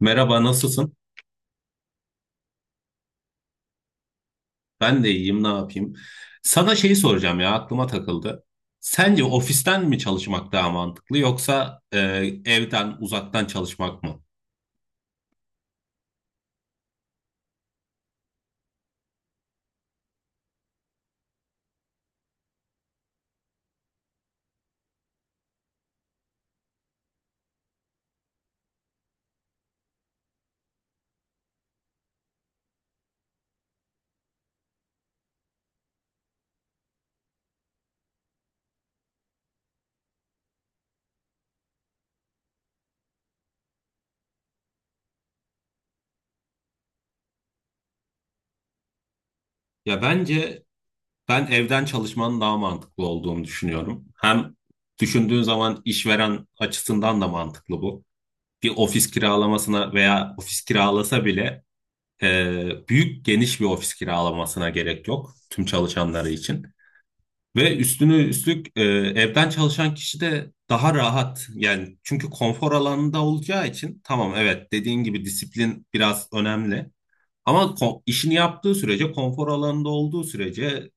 Merhaba, nasılsın? Ben de iyiyim, ne yapayım? Sana şeyi soracağım ya, aklıma takıldı. Sence ofisten mi çalışmak daha mantıklı yoksa evden, uzaktan çalışmak mı? Ya bence ben evden çalışmanın daha mantıklı olduğunu düşünüyorum. Hem düşündüğün zaman işveren açısından da mantıklı bu. Bir ofis kiralamasına veya ofis kiralasa bile büyük geniş bir ofis kiralamasına gerek yok tüm çalışanları için. Ve üstüne üstlük evden çalışan kişi de daha rahat yani çünkü konfor alanında olacağı için tamam, evet, dediğin gibi disiplin biraz önemli ama işini yaptığı sürece konfor alanında olduğu sürece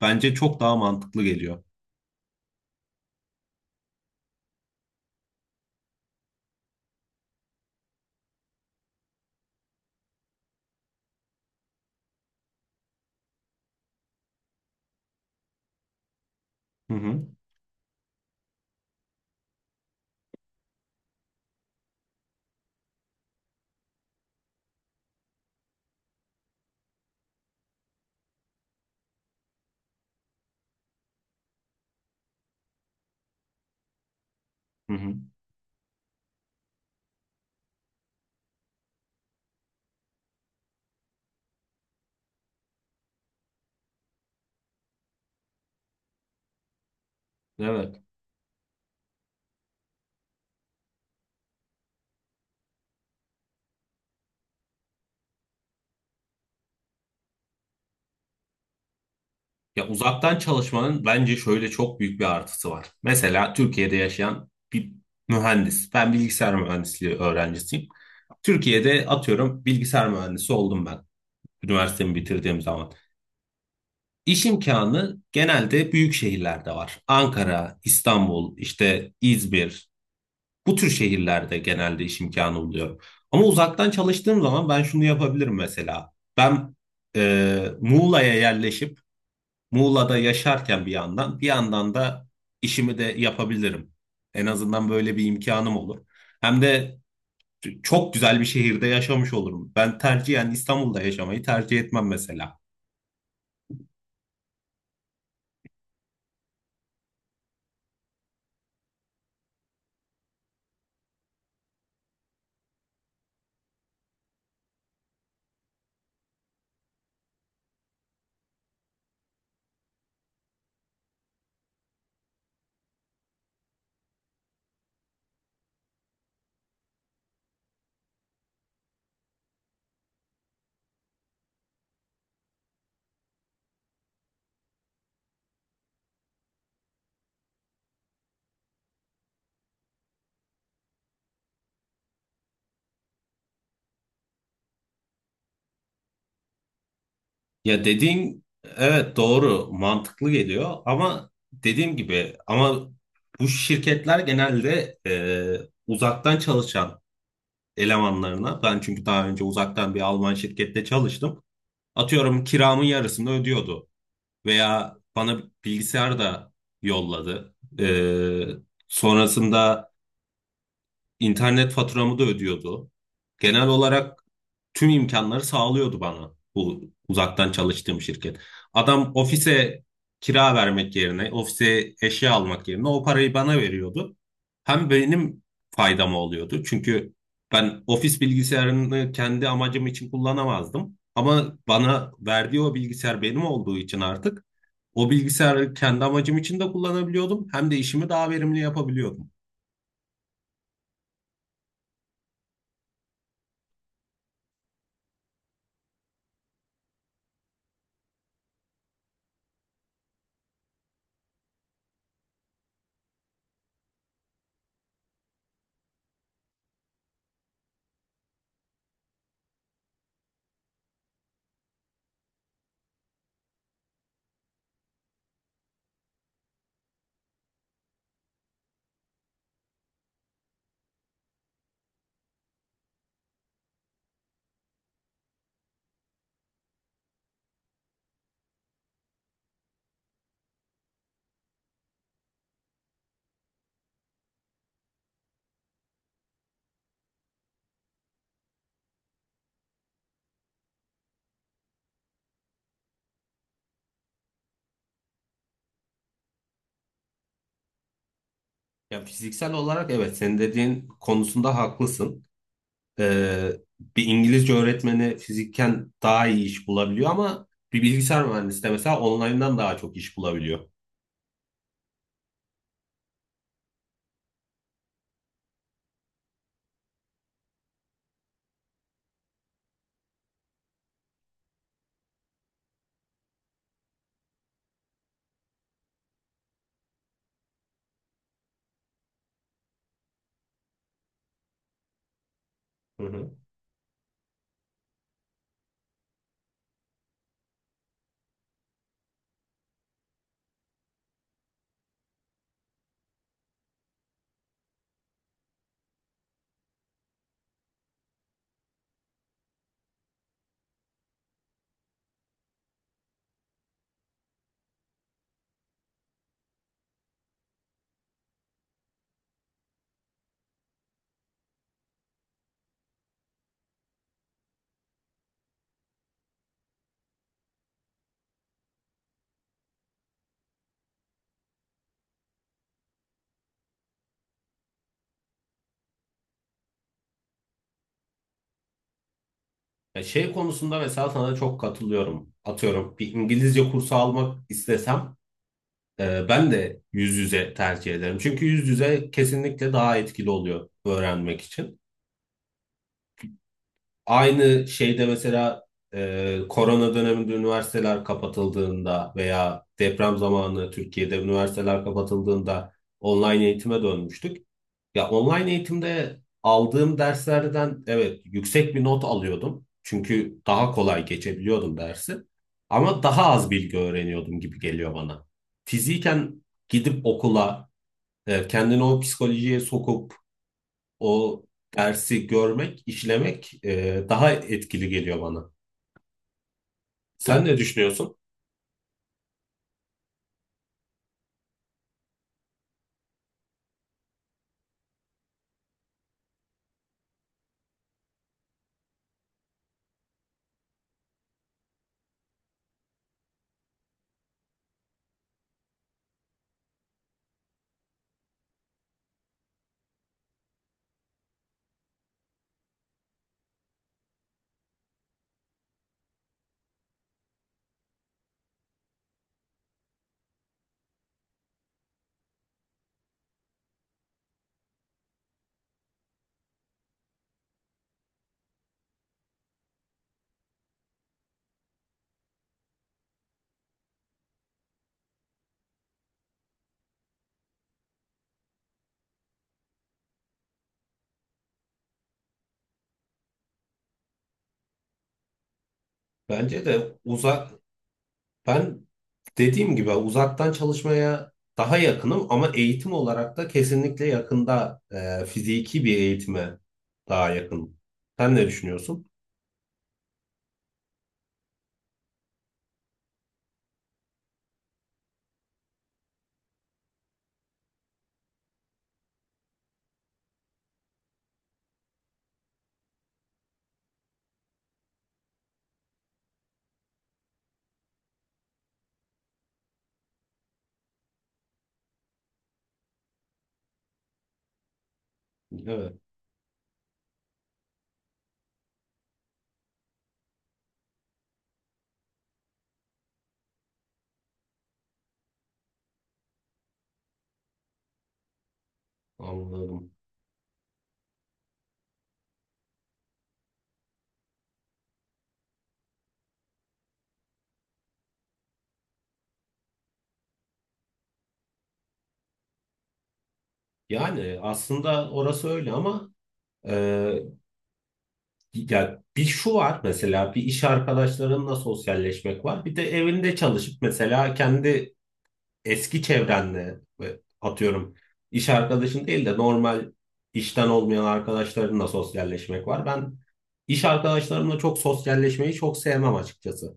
bence çok daha mantıklı geliyor. Hı hı, hı hı. Evet. Ya uzaktan çalışmanın bence şöyle çok büyük bir artısı var. Mesela Türkiye'de yaşayan bir mühendis. Ben bilgisayar mühendisliği öğrencisiyim. Türkiye'de atıyorum bilgisayar mühendisi oldum ben üniversitemi bitirdiğim zaman. İş imkanı genelde büyük şehirlerde var. Ankara, İstanbul, işte İzmir. Bu tür şehirlerde genelde iş imkanı buluyorum. Ama uzaktan çalıştığım zaman ben şunu yapabilirim mesela. Ben Muğla'ya yerleşip Muğla'da yaşarken bir yandan, bir yandan da işimi de yapabilirim. En azından böyle bir imkanım olur. Hem de çok güzel bir şehirde yaşamış olurum. Ben tercihen İstanbul'da yaşamayı tercih etmem mesela. Ya dediğin evet, doğru, mantıklı geliyor ama dediğim gibi ama bu şirketler genelde uzaktan çalışan elemanlarına ben çünkü daha önce uzaktan bir Alman şirkette çalıştım. Atıyorum kiramın yarısını ödüyordu veya bana bilgisayar da yolladı. E, Sonrasında İnternet faturamı da ödüyordu. Genel olarak tüm imkanları sağlıyordu bana bu uzaktan çalıştığım şirket. Adam ofise kira vermek yerine, ofise eşya almak yerine o parayı bana veriyordu. Hem benim faydama oluyordu. Çünkü ben ofis bilgisayarını kendi amacım için kullanamazdım. Ama bana verdiği o bilgisayar benim olduğu için artık o bilgisayarı kendi amacım için de kullanabiliyordum. Hem de işimi daha verimli yapabiliyordum. Ya fiziksel olarak evet, senin dediğin konusunda haklısın. Ee, bir İngilizce öğretmeni fiziken daha iyi iş bulabiliyor ama bir bilgisayar mühendisi de mesela online'dan daha çok iş bulabiliyor. Hı hı. Ya şey konusunda mesela sana çok katılıyorum. Atıyorum bir İngilizce kursu almak istesem ben de yüz yüze tercih ederim. Çünkü yüz yüze kesinlikle daha etkili oluyor öğrenmek için. Aynı şeyde mesela korona döneminde üniversiteler kapatıldığında veya deprem zamanı Türkiye'de üniversiteler kapatıldığında online eğitime dönmüştük. Ya online eğitimde aldığım derslerden evet yüksek bir not alıyordum. Çünkü daha kolay geçebiliyordum dersi. Ama daha az bilgi öğreniyordum gibi geliyor bana. Fiziken gidip okula kendini o psikolojiye sokup o dersi görmek, işlemek, daha etkili geliyor bana. Sen ne düşünüyorsun? Bence de ben dediğim gibi uzaktan çalışmaya daha yakınım ama eğitim olarak da kesinlikle yakında fiziki bir eğitime daha yakınım. Sen ne düşünüyorsun? Evet, anladım. Yani aslında orası öyle ama e, ya bir şu var mesela bir, iş arkadaşlarınla sosyalleşmek var. Bir de evinde çalışıp mesela kendi eski çevrenle ve atıyorum iş arkadaşın değil de normal işten olmayan arkadaşlarınla sosyalleşmek var. Ben iş arkadaşlarımla çok sosyalleşmeyi çok sevmem açıkçası.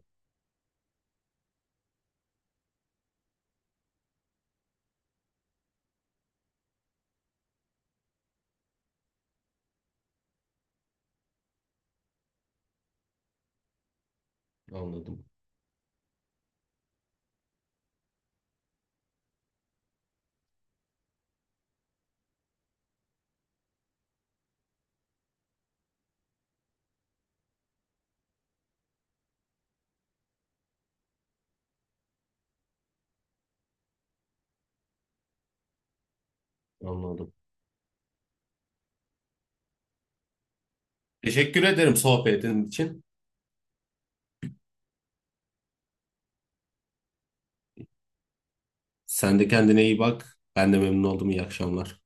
Anladım, anladım. Teşekkür ederim sohbetin için. Sen de kendine iyi bak. Ben de memnun oldum. İyi akşamlar.